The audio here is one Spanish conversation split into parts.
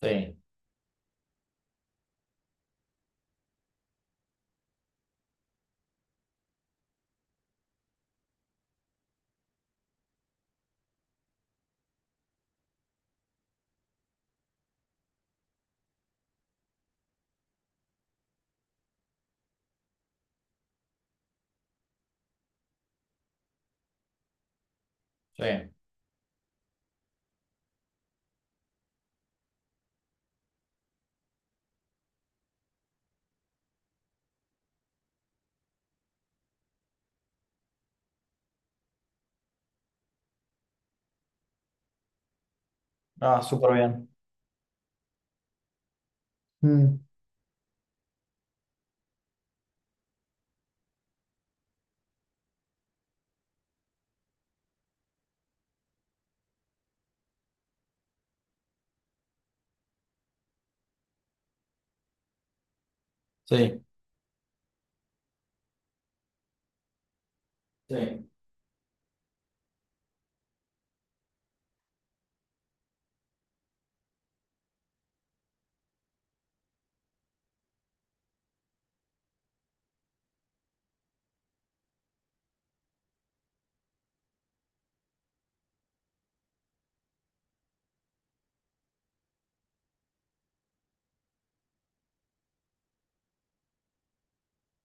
Sí, sí. Ah, súper bien. Mm, sí. Sí.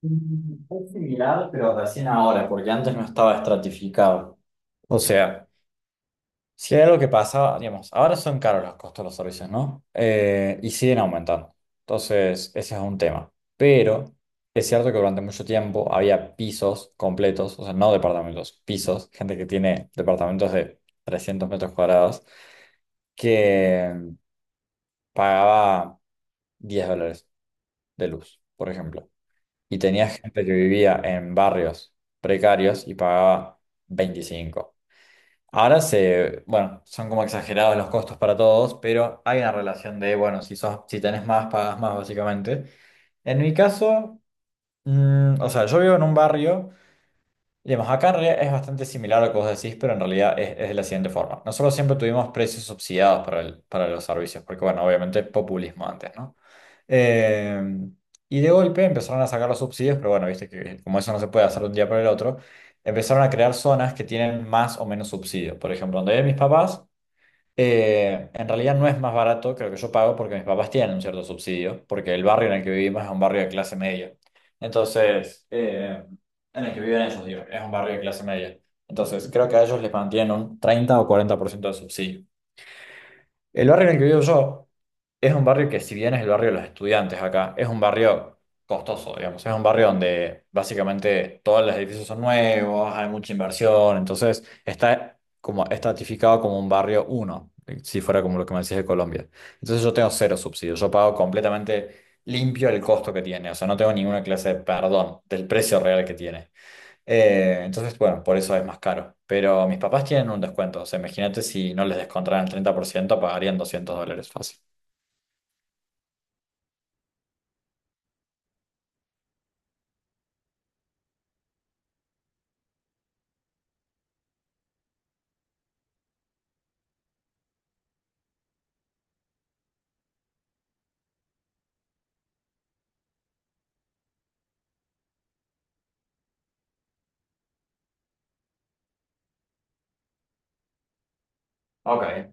Es similar, pero recién ahora, porque antes no estaba estratificado. O sea, si hay algo que pasaba, digamos, ahora son caros los costos de los servicios, ¿no? Y siguen aumentando. Entonces, ese es un tema. Pero es cierto que durante mucho tiempo había pisos completos, o sea, no departamentos, pisos, gente que tiene departamentos de 300 metros cuadrados, que pagaba 10 dólares de luz, por ejemplo. Y tenía gente que vivía en barrios precarios y pagaba 25. Ahora bueno, son como exagerados los costos para todos, pero hay una relación de, bueno, si sos, si tenés más, pagas más, básicamente. En mi caso, o sea, yo vivo en un barrio, digamos, acá en realidad es bastante similar a lo que vos decís, pero en realidad es de la siguiente forma. Nosotros siempre tuvimos precios subsidiados para los servicios, porque, bueno, obviamente populismo antes, ¿no? Eh, y de golpe empezaron a sacar los subsidios, pero bueno, viste que como eso no se puede hacer de un día para el otro, empezaron a crear zonas que tienen más o menos subsidio. Por ejemplo, donde viven mis papás, en realidad no es más barato que lo que yo pago porque mis papás tienen un cierto subsidio, porque el barrio en el que vivimos es un barrio de clase media. Entonces, en el que viven ellos, digo, es un barrio de clase media. Entonces, creo que a ellos les mantienen un 30 o 40% de subsidio. El barrio en el que vivo yo es un barrio que si bien es el barrio de los estudiantes acá, es un barrio costoso, digamos. Es un barrio donde básicamente todos los edificios son nuevos, hay mucha inversión, entonces está como estratificado como un barrio uno, si fuera como lo que me decís de Colombia. Entonces yo tengo cero subsidios, yo pago completamente limpio el costo que tiene, o sea, no tengo ninguna clase de perdón del precio real que tiene. Entonces, bueno, por eso es más caro. Pero mis papás tienen un descuento. O sea, imagínate si no les descontaran el 30% pagarían 200 dólares fácil. Ok.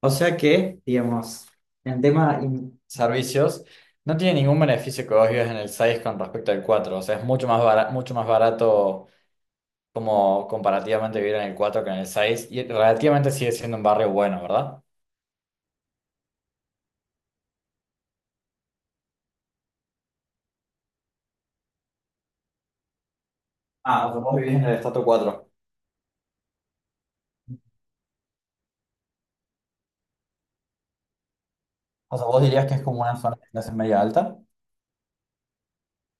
O sea que, digamos, en tema, servicios, no tiene ningún beneficio que vos vivas en el 6 con respecto al cuatro. O sea, es mucho más barato como comparativamente vivir en el 4 que en el seis. Y relativamente sigue siendo un barrio bueno, ¿verdad? Ah, o sea, vos vivís en el estrato cuatro. O sea, vos dirías que es como una zona de clase media alta.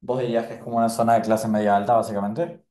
Vos dirías que es como una zona de clase media alta, básicamente.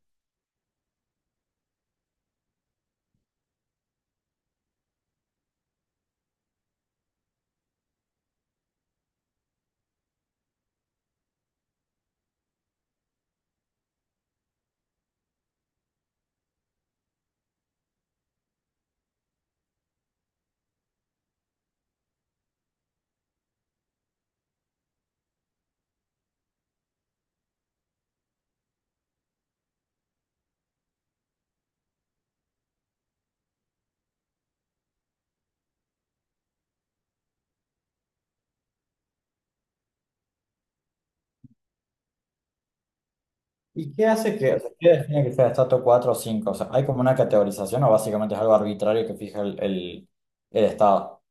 ¿Y qué hace que, o sea, qué define que sea estrato 4 o cinco? O sea, ¿hay como una categorización o básicamente es algo arbitrario que fija el Estado?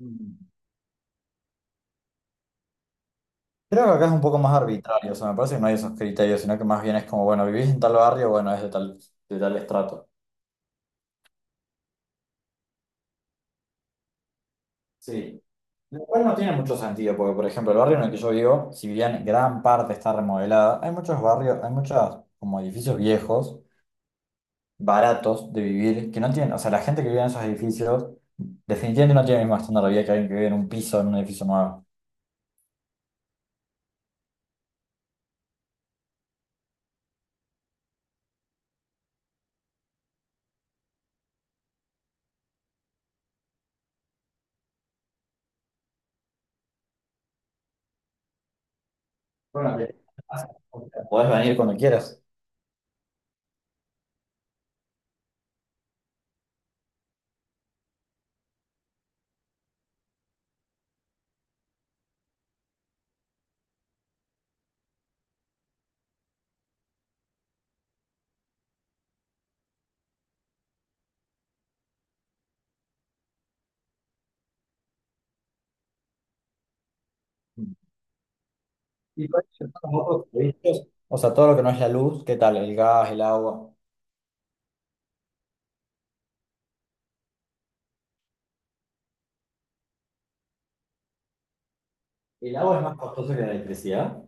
Mm. Creo que acá es un poco más arbitrario, o sea, me parece que no hay esos criterios, sino que más bien es como, bueno, vivís en tal barrio, bueno, es de tal, estrato. Sí. Lo cual no tiene mucho sentido, porque, por ejemplo, el barrio en el que yo vivo, si bien gran parte está remodelada, hay muchos como edificios viejos baratos de vivir, que no tienen, o sea, la gente que vive en esos edificios definitivamente no tiene el mismo estándar de vida que alguien que vive en un piso, en un edificio nuevo. Claro. Podés venir cuando quieras. Y por eso como otros servicios, o sea, todo lo que no es la luz, ¿qué tal? El gas, el agua. ¿El agua es más costoso que la electricidad?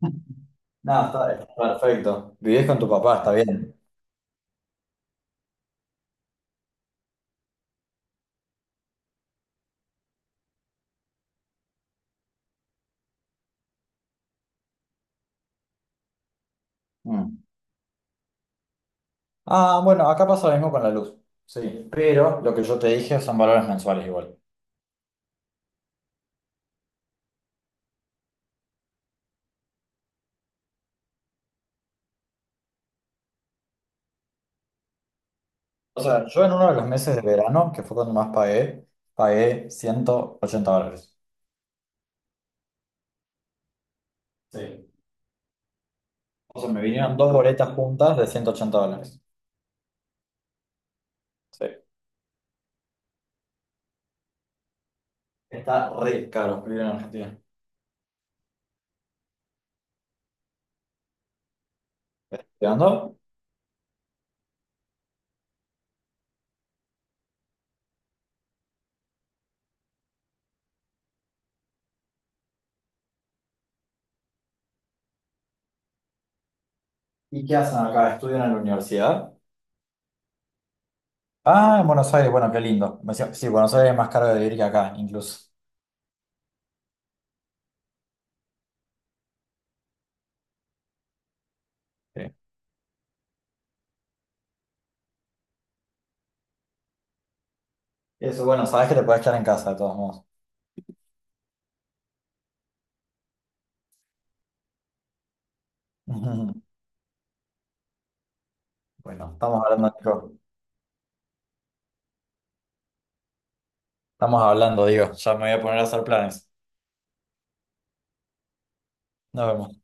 No, está perfecto. Vivís con tu papá, está bien. Mm. Ah, bueno, acá pasa lo mismo con la luz. Sí, pero lo que yo te dije son valores mensuales igual. O sea, yo en uno de los meses de verano, que fue cuando más pagué, pagué 180 dólares. Sí. O sea, me vinieron dos boletas juntas de 180 dólares. Sí. Está re caro vivir en Argentina. ¿Estudiando? ¿Y qué hacen acá? ¿Estudian en la universidad? Ah, en Buenos Aires, bueno, qué lindo. Me decía, sí, Buenos Aires es más caro de vivir que acá, incluso. Sí. Eso, bueno, sabes que te puedes quedar en casa, de todos modos. Bueno, estamos hablando, Nico. Estamos hablando, digo. Ya me voy a poner a hacer planes. Nos vemos.